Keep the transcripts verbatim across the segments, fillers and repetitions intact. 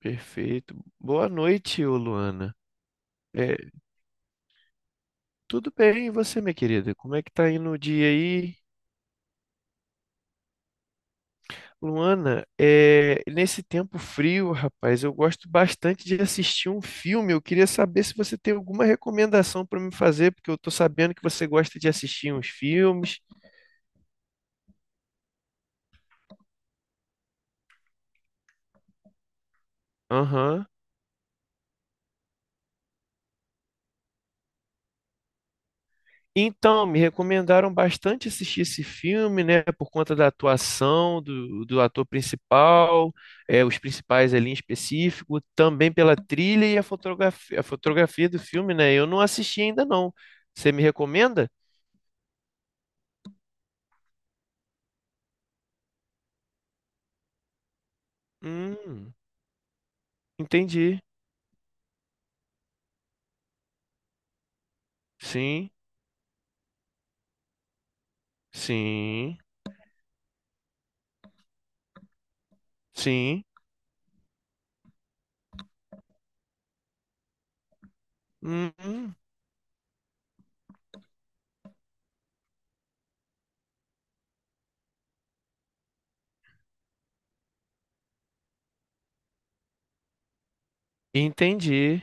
Perfeito. Boa noite, ô Luana. É, Tudo bem, e você, minha querida? Como é que tá indo o dia aí? Luana, é, nesse tempo frio, rapaz, eu gosto bastante de assistir um filme. Eu queria saber se você tem alguma recomendação para me fazer, porque eu tô sabendo que você gosta de assistir uns filmes. Aham. Então, me recomendaram bastante assistir esse filme, né, por conta da atuação do, do ator principal, é, os principais ali em específico, também pela trilha e a fotografia, a fotografia do filme, né? Eu não assisti ainda não. Você me recomenda? Hum, entendi. Sim, sim, sim. Hum, hum, entendi.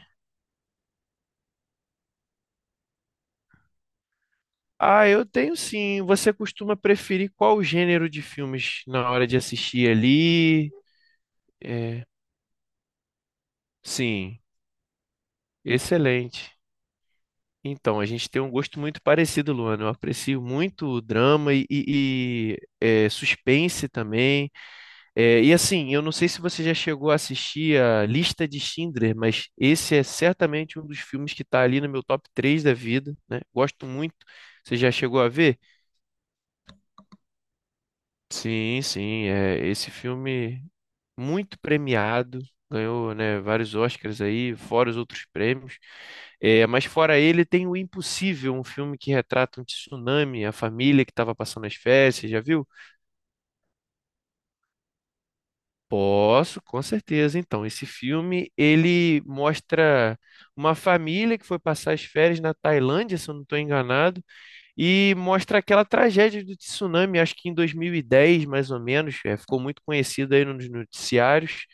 Ah, eu tenho sim. Você costuma preferir qual gênero de filmes na hora de assistir ali? É, sim. Excelente. Então, a gente tem um gosto muito parecido, Luana. Eu aprecio muito drama e, e- e, é, suspense também. É, e assim, eu não sei se você já chegou a assistir a Lista de Schindler, mas esse é certamente um dos filmes que está ali no meu top três da vida, né? Gosto muito. Você já chegou a ver? Sim, sim. É, esse filme muito premiado, ganhou, né, vários Oscars aí, fora os outros prêmios. É, mas fora ele tem O Impossível, um filme que retrata um tsunami, a família que estava passando as férias, você já viu? Posso, com certeza. Então, esse filme, ele mostra uma família que foi passar as férias na Tailândia, se eu não estou enganado, e mostra aquela tragédia do tsunami, acho que em dois mil e dez, mais ou menos, é, ficou muito conhecido aí nos noticiários.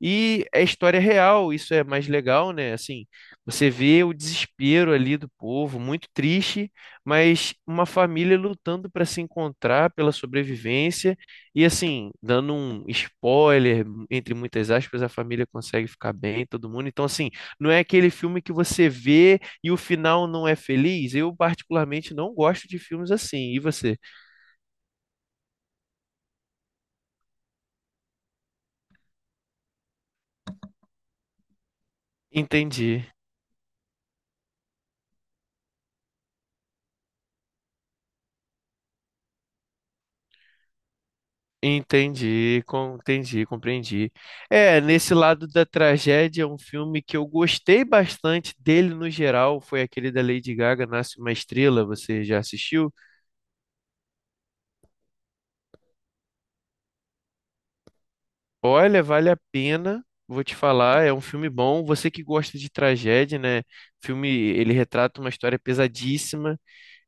E é história real, isso é mais legal, né? Assim, você vê o desespero ali do povo, muito triste, mas uma família lutando para se encontrar pela sobrevivência. E assim, dando um spoiler, entre muitas aspas, a família consegue ficar bem, todo mundo. Então, assim, não é aquele filme que você vê e o final não é feliz, eu particularmente não gosto de filmes assim. E você? Entendi, entendi, com- entendi, compreendi. É, nesse lado da tragédia, um filme que eu gostei bastante dele no geral foi aquele da Lady Gaga, Nasce uma Estrela. Você já assistiu? Olha, vale a pena. Vou te falar, é um filme bom. Você que gosta de tragédia, né? O filme, ele retrata uma história pesadíssima.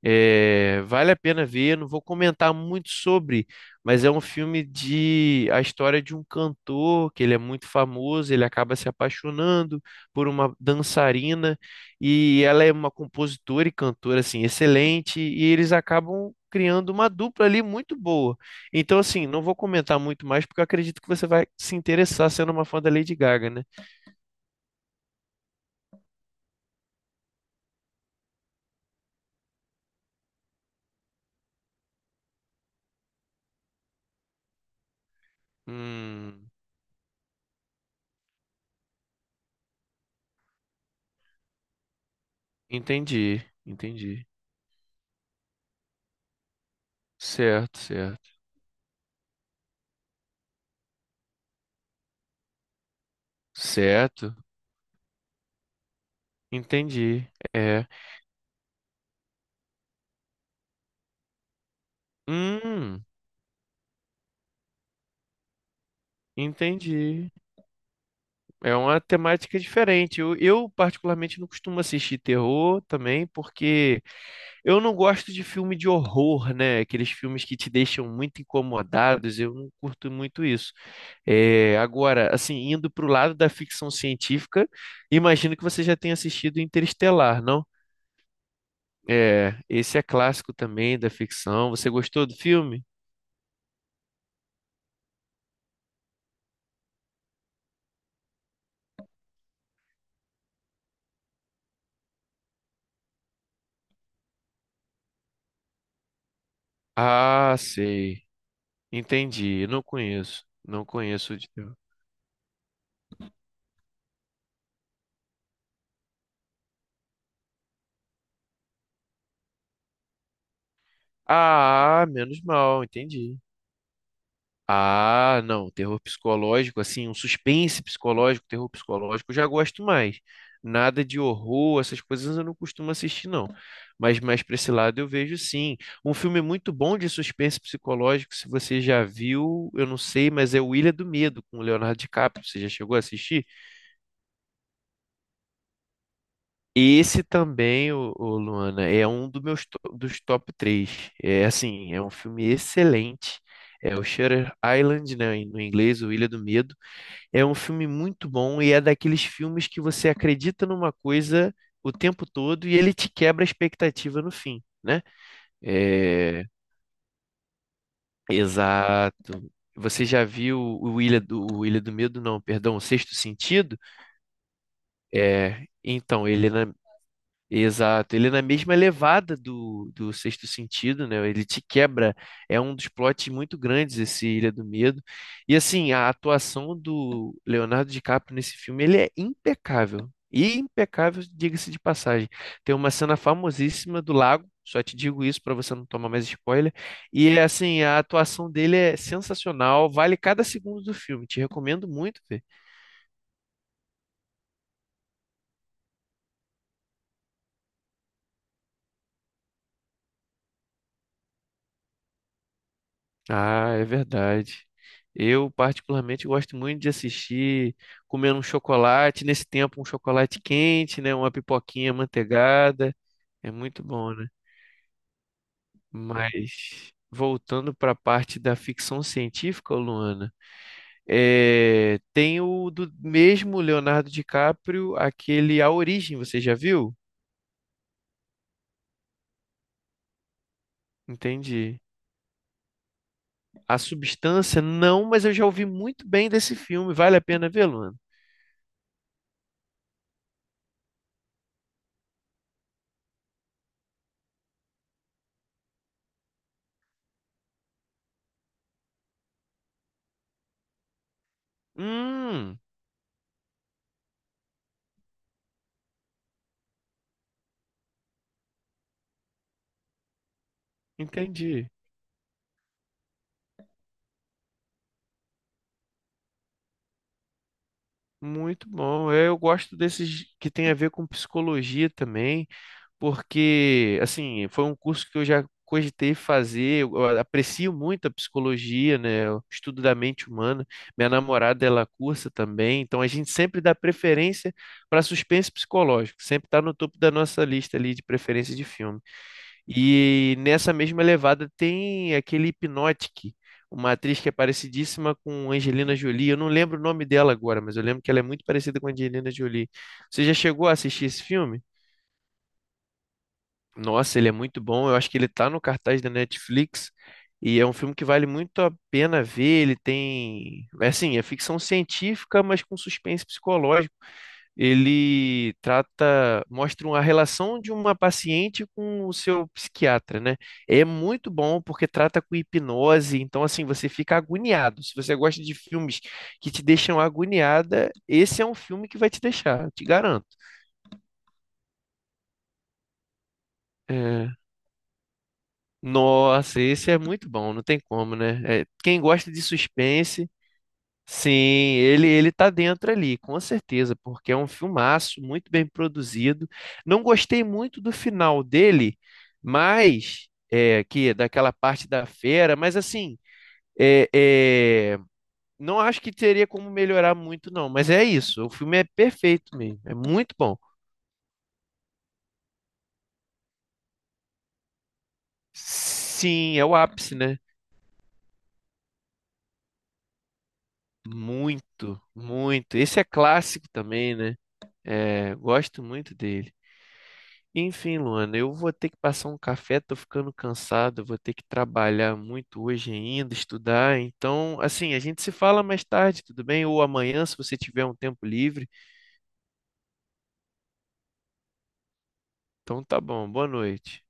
É, vale a pena ver, não vou comentar muito sobre, mas é um filme de a história de um cantor que ele é muito famoso, ele acaba se apaixonando por uma dançarina e ela é uma compositora e cantora assim excelente e eles acabam criando uma dupla ali muito boa. Então assim, não vou comentar muito mais porque eu acredito que você vai se interessar sendo uma fã da Lady Gaga, né? Hum, entendi, entendi. Certo, certo. Certo. Entendi. É. Hum, entendi. É uma temática diferente. Eu, eu, particularmente, não costumo assistir terror também, porque eu não gosto de filme de horror, né? Aqueles filmes que te deixam muito incomodados. Eu não curto muito isso. É, agora, assim, indo para o lado da ficção científica, imagino que você já tenha assistido Interestelar, não? É, esse é clássico também da ficção. Você gostou do filme? Ah, sei. Entendi, não conheço. Não conheço de terror. Ah, menos mal, entendi. Ah, não, terror psicológico, assim, um suspense psicológico, terror psicológico, eu já gosto mais. Nada de horror, essas coisas eu não costumo assistir, não. Mas mais para esse lado eu vejo sim. Um filme muito bom de suspense psicológico, se você já viu, eu não sei, mas é O Ilha do Medo, com o Leonardo DiCaprio. Você já chegou a assistir? Esse também, o, Luana, é um dos meus to- dos top três. É assim, é um filme excelente. É o Shutter Island, né, em- no inglês, o Ilha do Medo. É um filme muito bom e é daqueles filmes que você acredita numa coisa o tempo todo e ele te quebra a expectativa no fim, né? É, exato. Você já viu o Ilha do, o Ilha do Medo? Não, perdão, o Sexto Sentido? É, então, ele... Exato, ele é na mesma levada do, do Sexto Sentido, né? Ele te quebra, é um dos plots muito grandes esse Ilha do Medo. E assim, a atuação do Leonardo DiCaprio nesse filme, ele é impecável. E impecável, diga-se de passagem. Tem uma cena famosíssima do lago, só te digo isso para você não tomar mais spoiler. E é assim, a atuação dele é sensacional, vale cada segundo do filme. Te recomendo muito. Ah, é verdade. Eu particularmente gosto muito de assistir comendo um chocolate, nesse tempo um chocolate quente, né, uma pipoquinha manteigada, é muito bom, né? Mas voltando para a parte da ficção científica, Luana, é, tem o do mesmo Leonardo DiCaprio, aquele A Origem, você já viu? Entendi. A Substância, não, mas eu já ouvi muito bem desse filme. Vale a pena ver, Luana? Hum, entendi. Muito bom. É, eu gosto desses que tem a ver com psicologia também, porque, assim, foi um curso que eu já cogitei fazer. Eu eu aprecio muito a psicologia, né? O estudo da mente humana. Minha namorada, ela cursa também, então a gente sempre dá preferência para suspense psicológico, sempre está no topo da nossa lista ali de preferência de filme. E nessa mesma levada tem aquele Hypnotic, uma atriz que é parecidíssima com Angelina Jolie. Eu não lembro o nome dela agora, mas eu lembro que ela é muito parecida com Angelina Jolie. Você já chegou a assistir esse filme? Nossa, ele é muito bom. Eu acho que ele tá no cartaz da Netflix. E é um filme que vale muito a pena ver. Ele tem, é assim, é ficção científica, mas com suspense psicológico ele trata, mostra uma relação de uma paciente com o seu psiquiatra, né? É muito bom porque trata com hipnose, então assim, você fica agoniado. Se você gosta de filmes que te deixam agoniada, esse é um filme que vai te deixar, eu te garanto. É, nossa, esse é muito bom, não tem como, né? É, quem gosta de suspense... Sim, ele ele tá dentro ali, com certeza, porque é um filmaço muito bem produzido. Não gostei muito do final dele, mas é que daquela parte da fera, mas assim, é, é, não acho que teria como melhorar muito não, mas é isso, o filme é perfeito mesmo, é muito bom. Sim, é o ápice, né? Muito, muito. Esse é clássico também, né? É, gosto muito dele. Enfim, Luana, eu vou ter que passar um café, tô ficando cansado, vou ter que trabalhar muito hoje ainda, estudar. Então, assim, a gente se fala mais tarde, tudo bem? Ou amanhã, se você tiver um tempo livre. Então tá bom, boa noite.